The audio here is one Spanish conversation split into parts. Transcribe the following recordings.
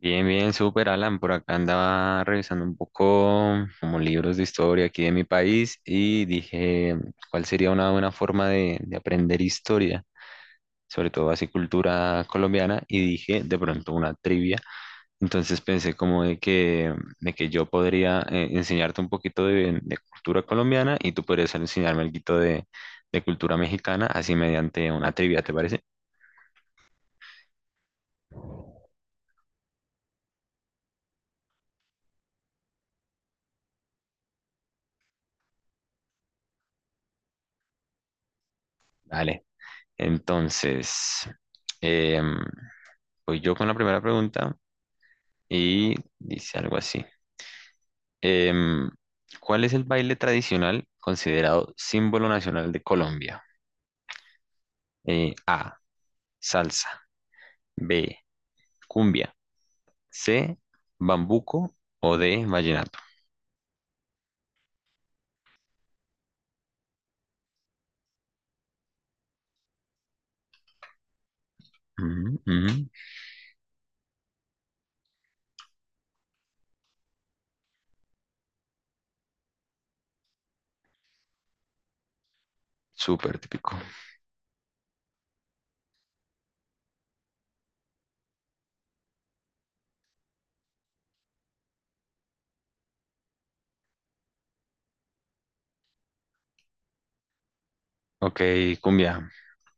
Bien, bien, súper Alan. Por acá andaba revisando un poco como libros de historia aquí de mi país y dije, ¿cuál sería una buena forma de aprender historia? Sobre todo así cultura colombiana y dije de pronto una trivia. Entonces pensé como de que yo podría enseñarte un poquito de cultura colombiana y tú podrías enseñarme algo de cultura mexicana así mediante una trivia, ¿te parece? Vale. Entonces... em, voy yo con la primera pregunta y dice algo así. Em, ¿Cuál es el baile tradicional considerado símbolo nacional de Colombia? A, salsa, B, cumbia, C, bambuco o D, vallenato. Ujú, ujú. Súper típico. Ok, cumbia.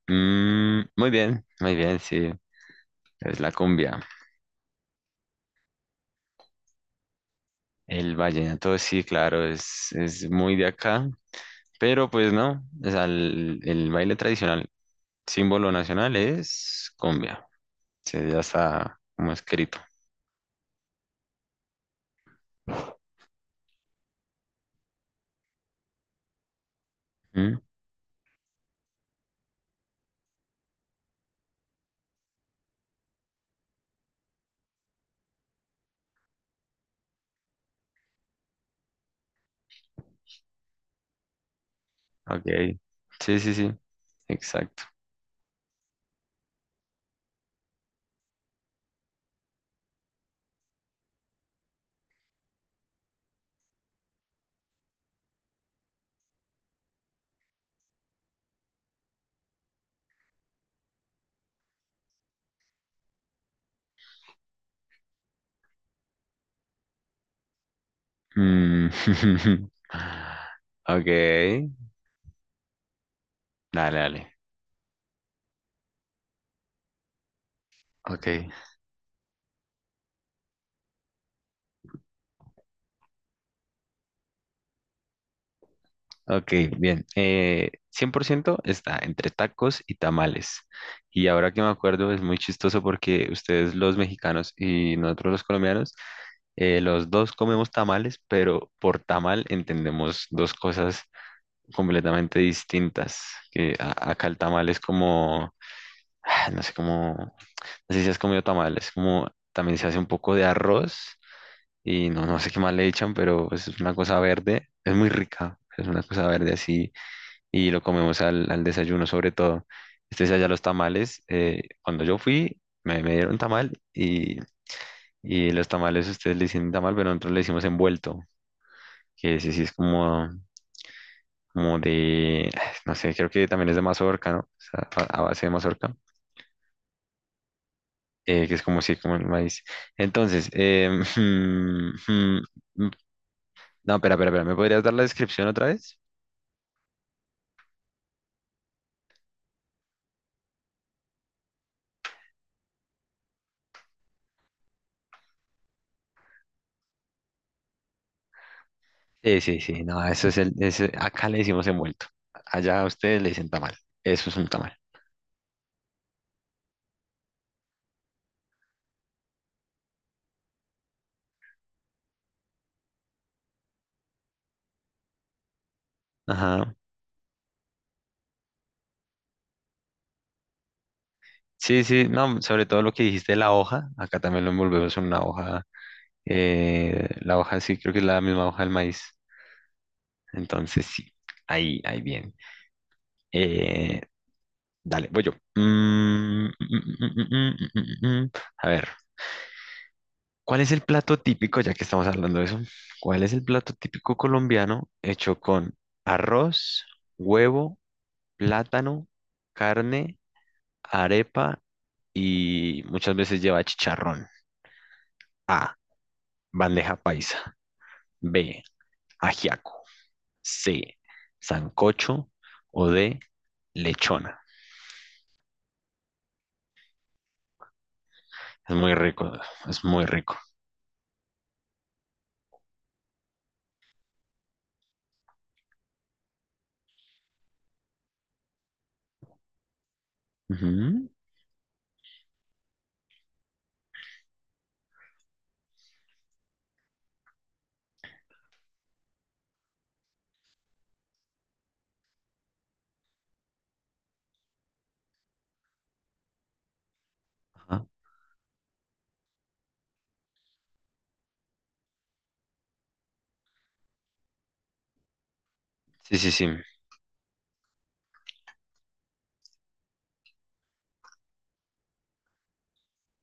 Mm, muy bien, sí, es la cumbia. El vallenato, sí, claro, es muy de acá, pero pues no, o sea, el baile tradicional símbolo nacional es cumbia. Sí, ya está como escrito. ¿Mm? Ok. Sí, sí, sí. Exacto. Mm. Ok. Dale, dale. Ok. Ok, bien. 100% está entre tacos y tamales. Y ahora que me acuerdo, es muy chistoso porque ustedes los mexicanos y nosotros los colombianos, los dos comemos tamales, pero por tamal entendemos dos cosas completamente distintas. Que acá el tamal es como, ah, no sé cómo, no sé si has comido tamal, es como también se hace un poco de arroz y no, no sé qué más le echan, pero pues es una cosa verde, es muy rica, es una cosa verde así y lo comemos al, al desayuno sobre todo. Este allá los tamales. Cuando yo fui, me dieron tamal y los tamales ustedes le dicen tamal, pero nosotros le decimos envuelto, que sí, sí es como como de, no sé, creo que también es de mazorca, ¿no? O sea, a base de mazorca, que es como sí, como el maíz. Entonces, mm, mm, mm, no, espera, espera, espera, ¿me podrías dar la descripción otra vez? Sí, sí, sí, no, eso es acá le decimos envuelto, allá a ustedes le dicen tamal, eso es un tamal. Ajá. Sí, sí, no, sobre todo lo que dijiste de la hoja, acá también lo envolvemos en una hoja, la hoja sí, creo que es la misma hoja del maíz, entonces sí, ahí, ahí bien. Eh, Dale, voy yo. Mm, mm, mm, mm, mm, mm, mm, mm. mm, mm. A ver, ¿cuál es el plato típico, ya que estamos hablando de eso? ¿Cuál es el plato típico colombiano hecho con arroz, huevo, plátano, carne, arepa y muchas veces lleva chicharrón? A, bandeja paisa. B, ajiaco. C, sancocho o D, lechona. Es muy rico, es muy rico. Ujú. Ajá. Sí, sí, sí.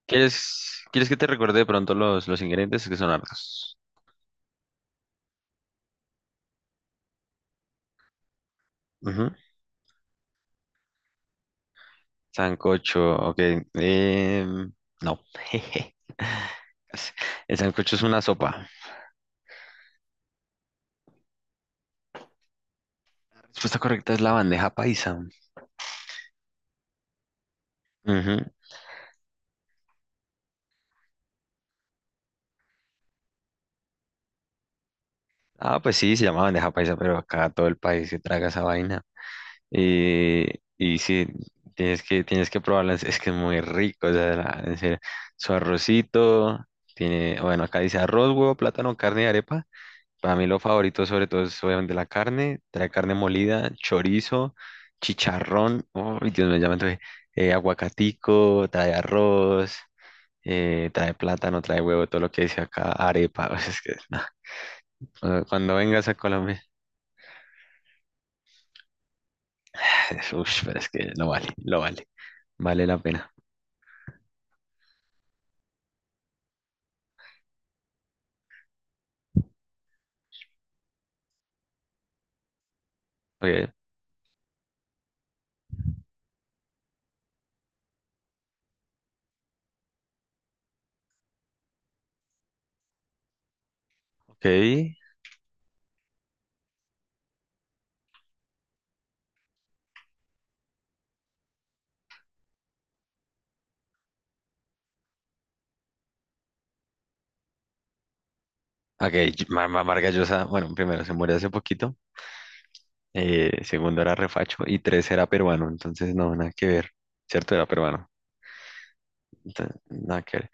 ¿Quieres, quieres que te recuerde de pronto los ingredientes que son hartos? Ujú. Sancocho, ok. em, no. El sancocho es una sopa. La respuesta correcta es la bandeja paisa. Ujú. Ah, pues sí, se llama bandeja paisa, pero acá todo el país se traga esa vaina. Y y sí, tienes que probarla, es que es muy rico, o sea, en serio. Su arrocito, tiene, bueno, acá dice arroz, huevo, plátano, carne y arepa. Para mí lo favorito sobre todo es obviamente la carne, trae carne molida, chorizo, chicharrón, oh, Dios mío, ya me antojé, aguacatico, trae arroz, trae plátano, trae huevo, todo lo que dice acá, arepa, o sea, es que nah, cuando vengas a Colombia, uff, pero es que lo vale, vale la pena. Ok, ok, ok, Vargas Llosa, bueno, primero se murió hace poquito, segundo era refacho y tres era peruano, entonces no, nada que ver, ¿cierto? Era peruano. Entonces, nada que ver.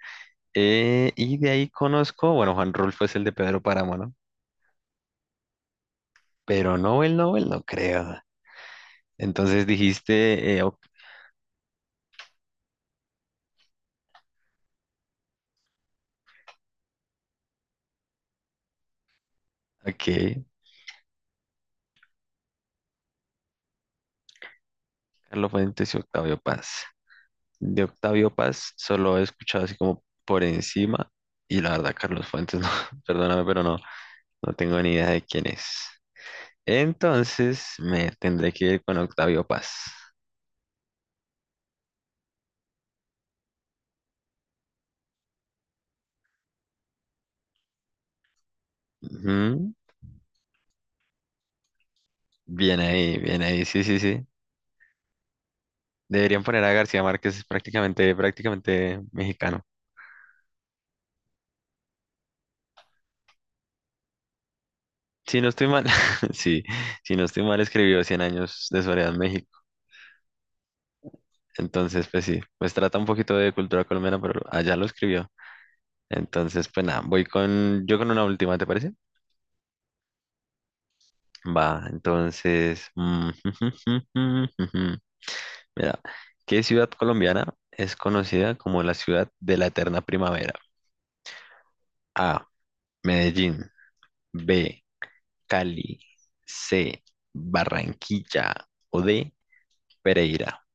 Y de ahí conozco, bueno, Juan Rulfo es el de Pedro Páramo, ¿no? Pero Nobel, Nobel, no creo. Entonces dijiste, ok, ok, Carlos Fuentes y Octavio Paz. De Octavio Paz solo he escuchado así como por encima. Y la verdad, Carlos Fuentes, no, perdóname, pero no, no tengo ni idea de quién es. Entonces me tendré que ir con Octavio Paz. Ujú, bien ahí, bien ahí, sí, sí, sí. Deberían poner a García Márquez, es prácticamente, prácticamente mexicano. Si no estoy mal, sí, si no estoy mal, escribió Cien Años de Soledad en México. Entonces, pues sí, pues trata un poquito de cultura colombiana, pero allá lo escribió. Entonces, pues nada, voy con, yo con una última, ¿te parece? Va, entonces, mira, ¿qué ciudad colombiana es conocida como la ciudad de la eterna primavera? A, Medellín, B, Cali, C, Barranquilla o D, Pereira.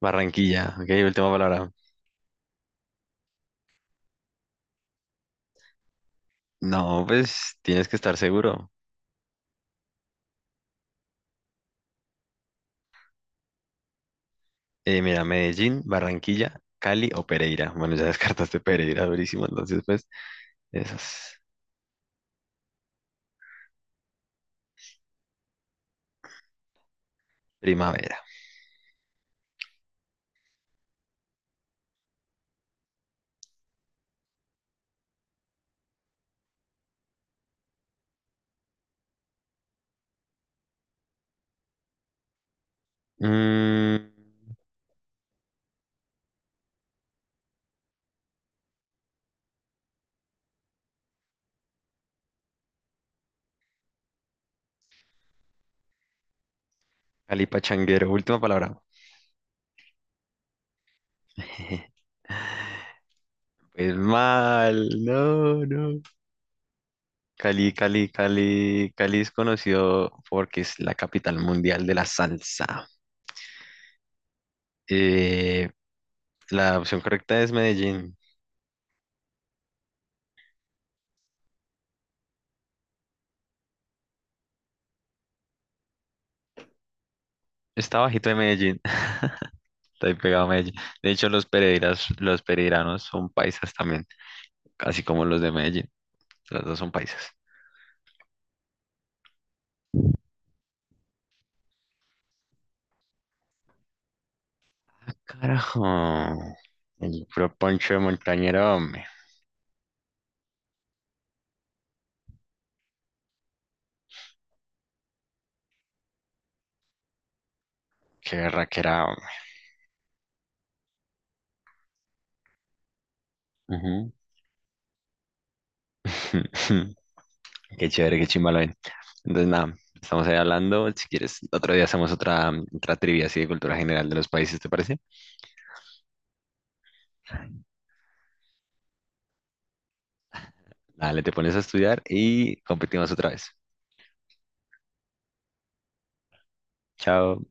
Barranquilla, ok, última palabra. No, pues tienes que estar seguro. Mira, Medellín, Barranquilla, Cali o Pereira. Bueno, ya descartaste Pereira, durísimo. Entonces, pues, esas. Primavera. Mm, Cali Pachanguero, última palabra. Pues mal, no, no. Cali, Cali, Cali. Cali es conocido porque es la capital mundial de la salsa. Eh, la opción correcta es Medellín. Está bajito de Medellín. Está ahí pegado a Medellín. De hecho, los Pereiras, los pereiranos son paisas también, así como los de Medellín. Los dos son paisas. Ah, carajo. El puro poncho de montañero, hombre. Qué raquera, hombre. Ujú. Qué chévere, qué chimba lo ven. Entonces, nada, estamos ahí hablando. Si quieres, otro día hacemos otra, otra trivia así de cultura general de los países, ¿te parece? Dale, te pones a estudiar y competimos otra vez. Chao.